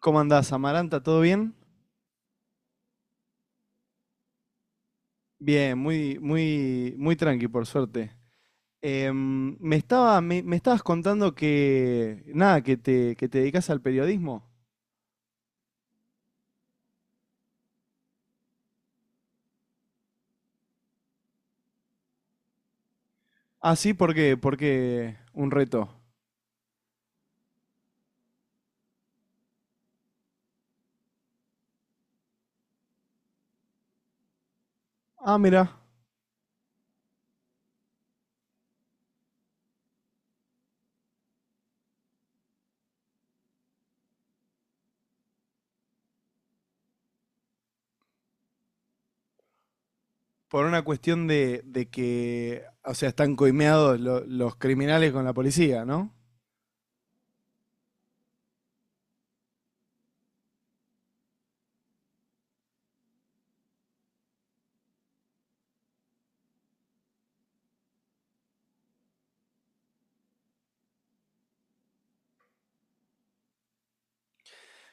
¿Cómo andás, Amaranta? ¿Todo bien? Bien, muy tranqui, por suerte. Me estabas contando que, nada, que te dedicas al periodismo. Ah, sí, ¿por qué? Porque un reto. Ah, mira, por una cuestión de que, o sea, están coimeados los criminales con la policía, ¿no?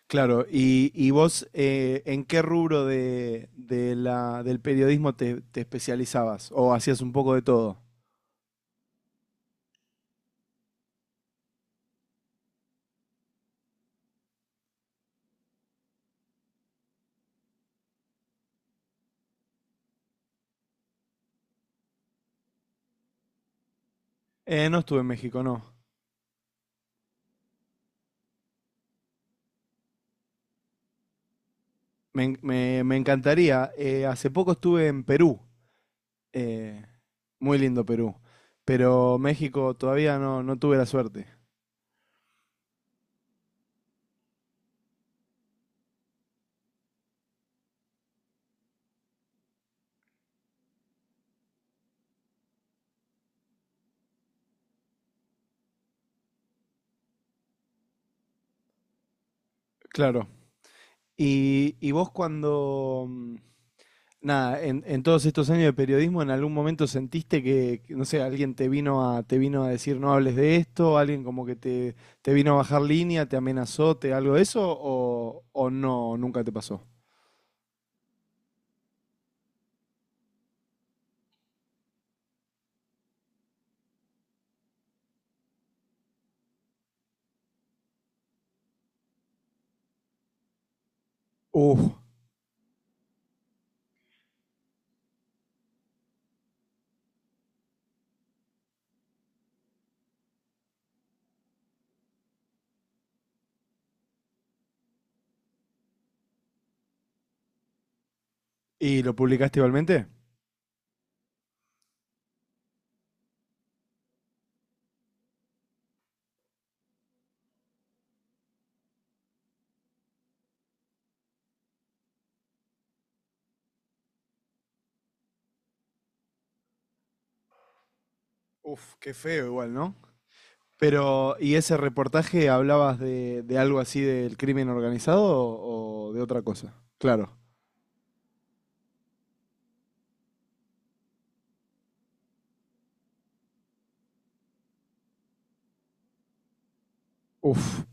Claro, y vos, ¿en qué rubro del periodismo te especializabas? ¿O hacías un poco de todo? No estuve en México, no. Me encantaría. Hace poco estuve en Perú. eh, Muy lindo Perú. Pero México todavía no, no tuve la suerte. Claro. ¿Y vos cuando, nada, en todos estos años de periodismo, ¿en algún momento sentiste que, no sé, alguien te vino a te vino a decir no hables de esto, alguien como que te vino a bajar línea, te amenazó, te algo de eso, o no, nunca te pasó? Uf, ¿y lo publicaste igualmente? Uf, qué feo igual, ¿no? Pero, ¿y ese reportaje hablabas de algo así del crimen organizado o de otra cosa? Claro. Uf.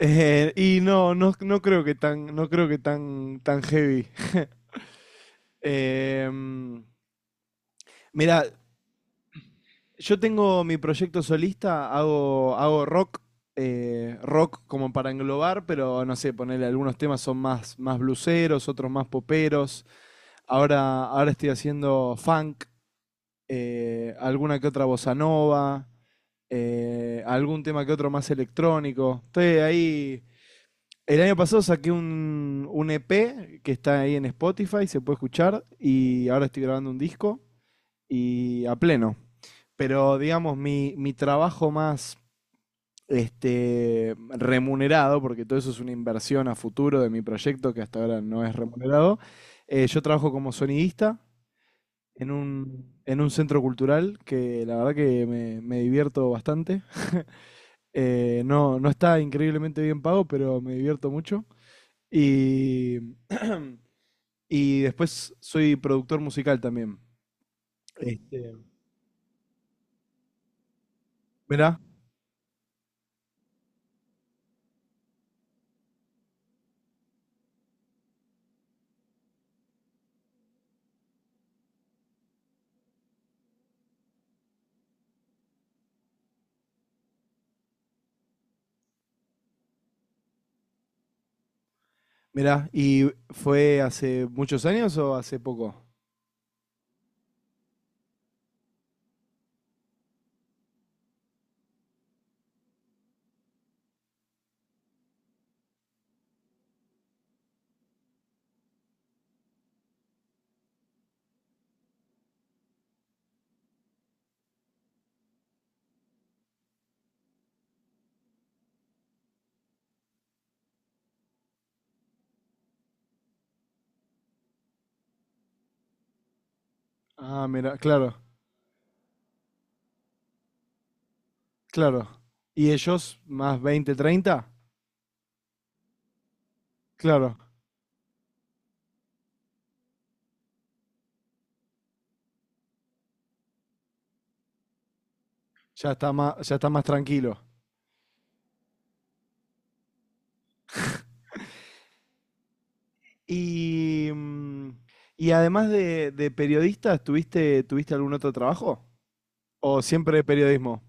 Y no, no creo que tan, tan heavy. Eh, Mira, yo tengo mi proyecto solista, hago rock, rock como para englobar, pero no sé, ponerle algunos temas son más, más blueseros, otros más poperos. Ahora estoy haciendo funk, alguna que otra bossa nova, algún tema que otro más electrónico. Estoy ahí. El año pasado saqué un EP que está ahí en Spotify, se puede escuchar, y ahora estoy grabando un disco y a pleno. Pero digamos, mi trabajo más este, remunerado, porque todo eso es una inversión a futuro de mi proyecto que hasta ahora no es remunerado, yo trabajo como sonidista en un centro cultural que la verdad que me divierto bastante. No, no está increíblemente bien pago, pero me divierto mucho. Y y después soy productor musical también. Este, mirá, mirá. ¿Y fue hace muchos años o hace poco? Ah, mira, claro, claro. ¿Y ellos más 20, treinta? Claro, ya está más tranquilo. Y, y además de periodista, ¿tuviste, tuviste algún otro trabajo? ¿O siempre periodismo?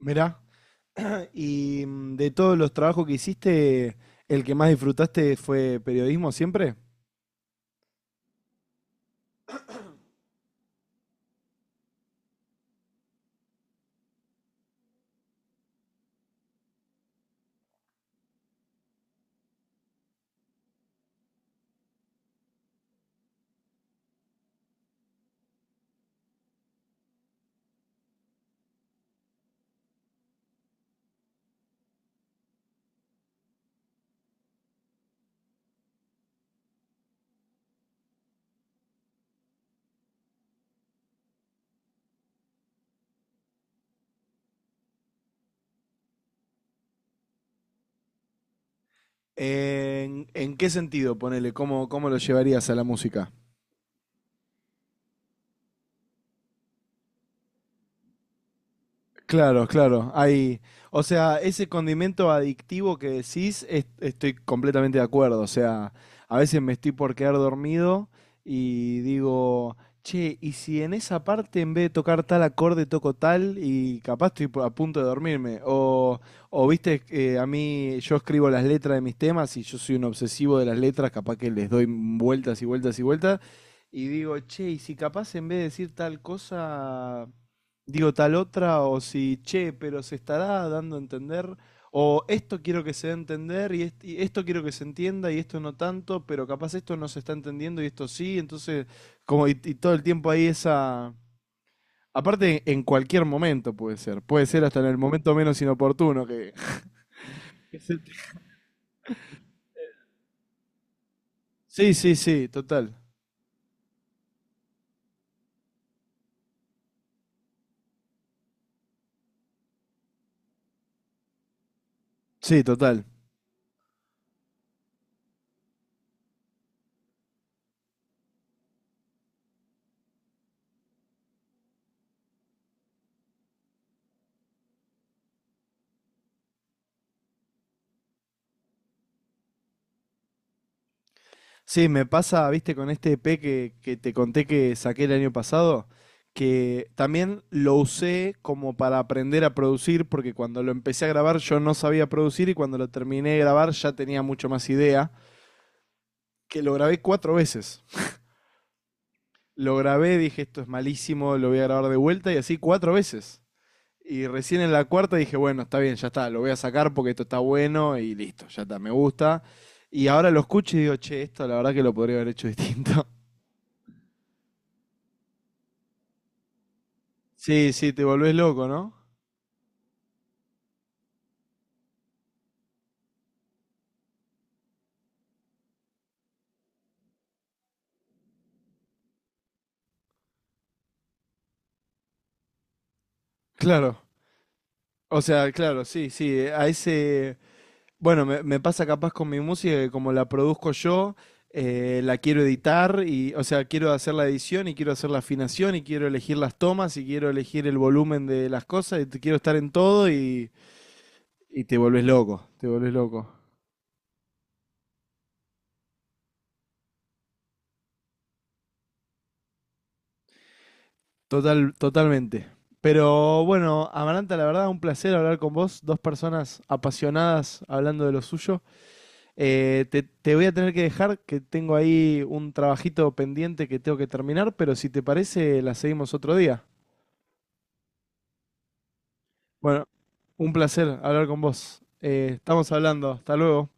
Mirá, y de todos los trabajos que hiciste, ¿el que más disfrutaste fue periodismo siempre? ¿En qué sentido, ponele? ¿Cómo lo llevarías a la música? Claro, claro. Hay, o sea, ese condimento adictivo que decís, estoy completamente de acuerdo. O sea, a veces me estoy por quedar dormido y digo, che, ¿y si en esa parte en vez de tocar tal acorde toco tal y capaz estoy a punto de dormirme? O viste, a mí yo escribo las letras de mis temas y yo soy un obsesivo de las letras, capaz que les doy vueltas y vueltas y vueltas. Y digo, che, ¿y si capaz en vez de decir tal cosa digo tal otra, o si, che, pero se estará dando a entender, o esto quiero que se dé a entender, y esto quiero que se entienda, y esto no tanto, pero capaz esto no se está entendiendo y esto sí, entonces, como y todo el tiempo ahí esa... Aparte, en cualquier momento puede ser hasta en el momento menos inoportuno que... que se te- Sí, sí, sí, total, sí, total. Sí, me pasa, viste, con este EP que te conté que saqué el año pasado, que también lo usé como para aprender a producir, porque cuando lo empecé a grabar yo no sabía producir y cuando lo terminé de grabar ya tenía mucho más idea, que lo grabé cuatro veces. Lo grabé, dije, esto es malísimo, lo voy a grabar de vuelta y así cuatro veces. Y recién en la cuarta dije, bueno, está bien, ya está, lo voy a sacar porque esto está bueno y listo, ya está, me gusta. Y ahora lo escucho y digo, che, esto la verdad que lo podría haber hecho distinto. Sí, sí, te volvés loco, ¿no? Claro. O sea, claro, sí, sí. A ese. Bueno, me pasa capaz con mi música que como la produzco yo, la quiero editar y, o sea, quiero hacer la edición y quiero hacer la afinación y quiero elegir las tomas y quiero elegir el volumen de las cosas quiero estar en todo y te volvés loco, te volvés loco. Total, totalmente. Pero bueno, Amaranta, la verdad, un placer hablar con vos, dos personas apasionadas hablando de lo suyo. Te voy a tener que dejar, que tengo ahí un trabajito pendiente que tengo que terminar, pero si te parece, la seguimos otro día. Bueno, un placer hablar con vos. Estamos hablando. Hasta luego.